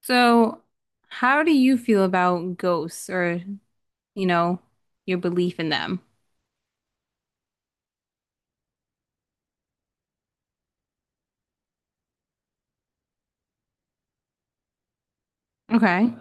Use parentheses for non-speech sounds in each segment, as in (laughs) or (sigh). So, how do you feel about ghosts, or, you know, your belief in them? Okay.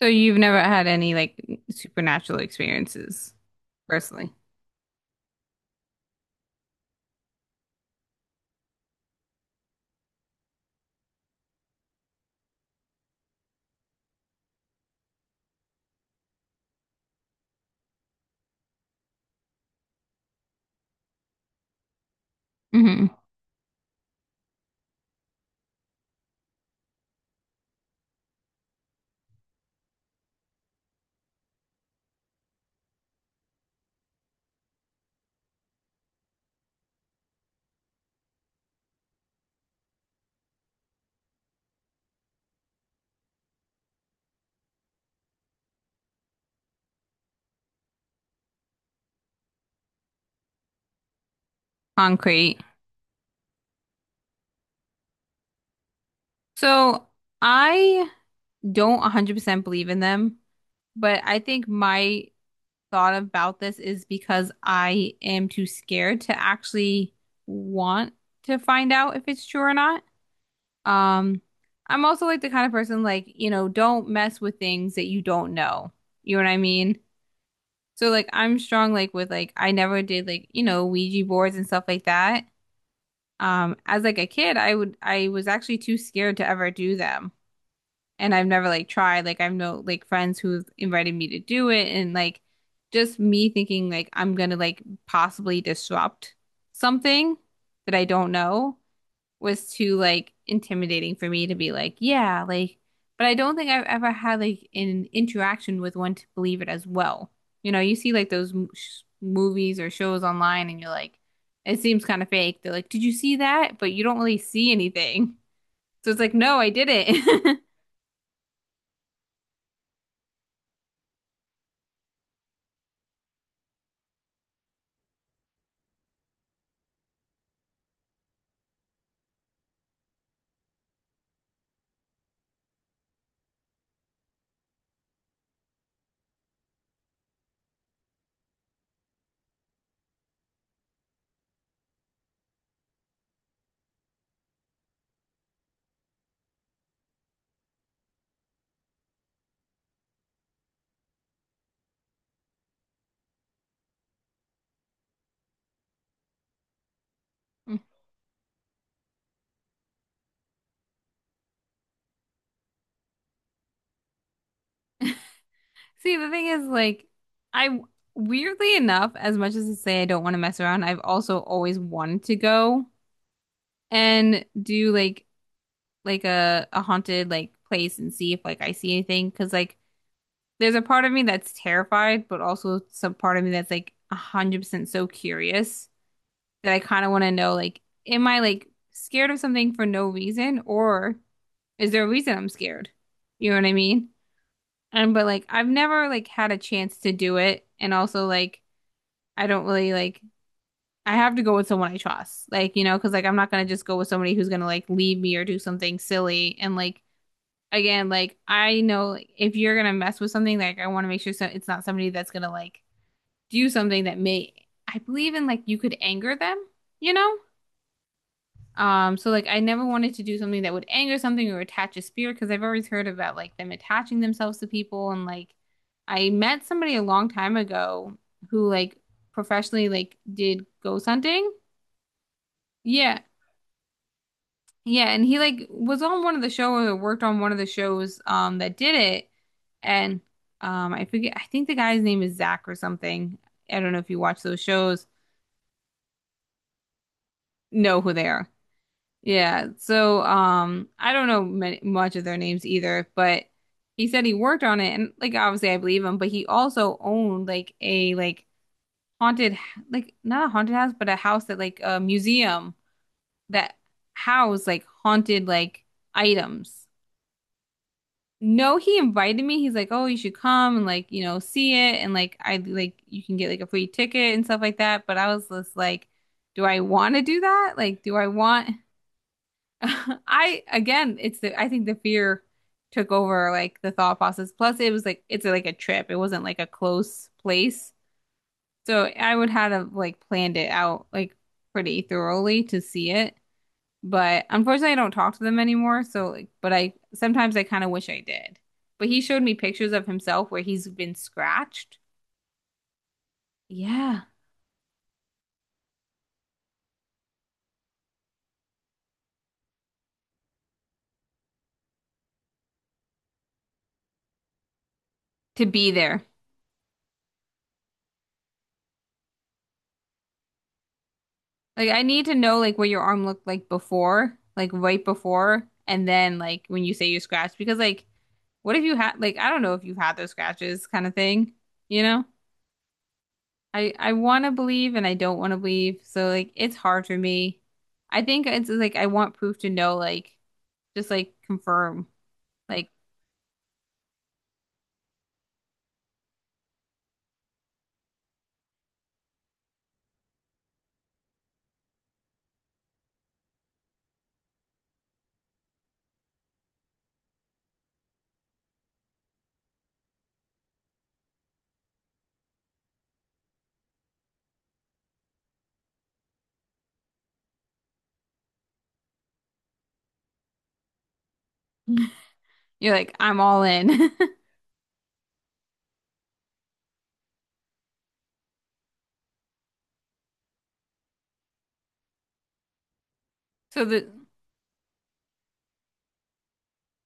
So you've never had any like supernatural experiences personally. Hmm. Concrete. So I don't 100% believe in them, but I think my thought about this is because I am too scared to actually want to find out if it's true or not. Um, I'm also like the kind of person like, you know, don't mess with things that you don't know. You know what I mean? So like I'm strong like with like I never did like, you know, Ouija boards and stuff like that. As like a kid, I was actually too scared to ever do them. And I've never like tried. Like I've no like friends who've invited me to do it, and like just me thinking like I'm gonna like possibly disrupt something that I don't know was too like intimidating for me to be like, yeah, like, but I don't think I've ever had like an interaction with one to believe it as well. You know, you see like those m sh movies or shows online and you're like, it seems kind of fake. They're like, did you see that? But you don't really see anything. So it's like, no, I didn't. (laughs) See, the thing is, like, I weirdly enough, as much as to say I don't want to mess around, I've also always wanted to go and do like a haunted like place and see if like I see anything, because like there's a part of me that's terrified, but also some part of me that's like 100% so curious that I kind of want to know like am I like scared of something for no reason, or is there a reason I'm scared? You know what I mean? And but like I've never like had a chance to do it, and also like I don't really like I have to go with someone I trust, like you know, because like I'm not gonna just go with somebody who's gonna like leave me or do something silly, and like again, like I know like, if you're gonna mess with something, like I want to make sure so it's not somebody that's gonna like do something that may I believe in like you could anger them, you know? So like I never wanted to do something that would anger something or attach a spirit, because I've always heard about like them attaching themselves to people, and like I met somebody a long time ago who like professionally like did ghost hunting. Yeah. Yeah, and he like was on one of the shows or worked on one of the shows that did it. And I forget, I think the guy's name is Zach or something. I don't know if you watch those shows, know who they are. Yeah. So I don't know many, much of their names either, but he said he worked on it, and like obviously I believe him, but he also owned like a like haunted, h- like not a haunted house, but a house that like a museum that housed like haunted like items. No, he invited me. He's like, "Oh, you should come and like, you know, see it, and like I like you can get like a free ticket and stuff like that." But I was just like, "Do I want to do that? Like, do I want" (laughs) I again, it's the I think the fear took over like the thought process. Plus it was like it's like a trip. It wasn't like a close place. So I would have like planned it out like pretty thoroughly to see it. But unfortunately, I don't talk to them anymore. So, like, but I sometimes I kind of wish I did. But he showed me pictures of himself where he's been scratched. Yeah, to be there. Like, I need to know like what your arm looked like before, like right before, and then like when you say you're scratched, because like, what if you had like I don't know if you've had those scratches kind of thing, you know? I want to believe and I don't want to believe. So like, it's hard for me. I think it's like I want proof to know, like, just like confirm, like. (laughs) You're like, I'm all in. (laughs) So the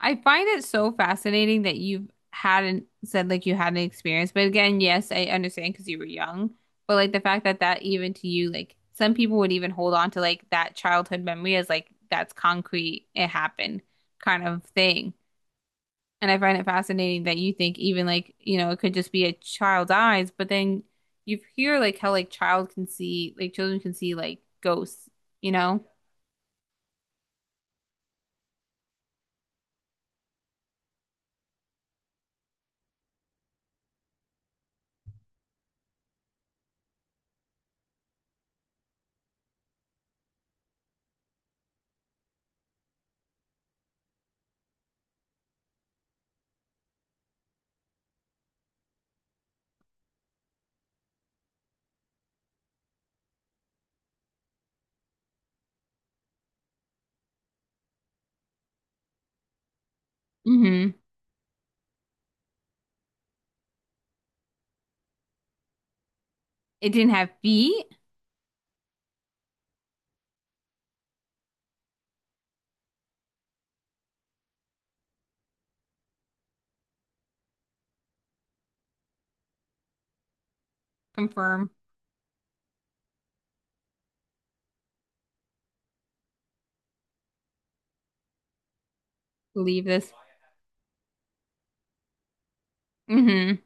I find it so fascinating that you have hadn't said like you had an experience. But again, yes, I understand because you were young. But like the fact that that even to you, like some people would even hold on to like that childhood memory as like that's concrete, it happened kind of thing. And I find it fascinating that you think even like, you know, it could just be a child's eyes, but then you hear like how like child can see, like children can see like ghosts, you know? Hmm. It didn't have feet. Confirm, believe this. Hmm.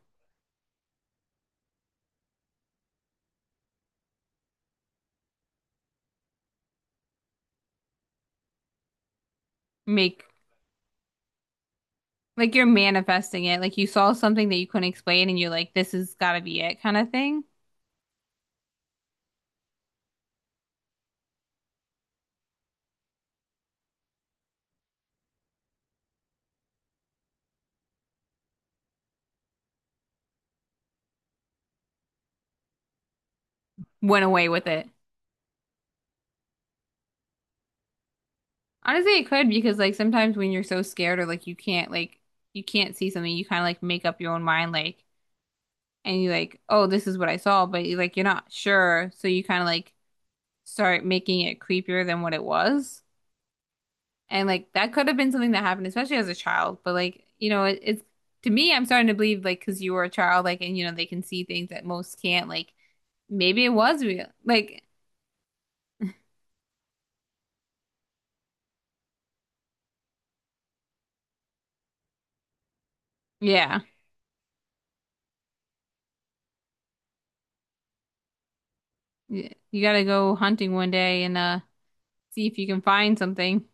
Make like you're manifesting it. Like you saw something that you couldn't explain and you're like, this has got to be it kind of thing. Went away with it. Honestly, it could, because like sometimes when you're so scared or like you can't see something, you kind of like make up your own mind like and you like, oh, this is what I saw, but you like you're not sure, so you kind of like start making it creepier than what it was. And like that could have been something that happened, especially as a child. But like, you know, it, it's to me, I'm starting to believe like because you were a child, like, and you know, they can see things that most can't. Like, maybe it was real. Like, yeah, Y- you gotta go hunting one day, and see if you can find something.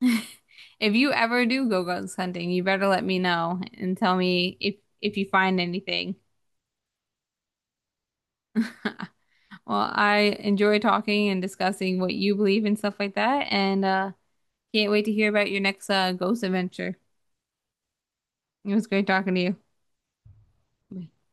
(laughs) If you ever do go ghost hunting, you better let me know and tell me if you find anything. (laughs) Well, I enjoy talking and discussing what you believe and stuff like that, and can't wait to hear about your next ghost adventure. It was great talking to you.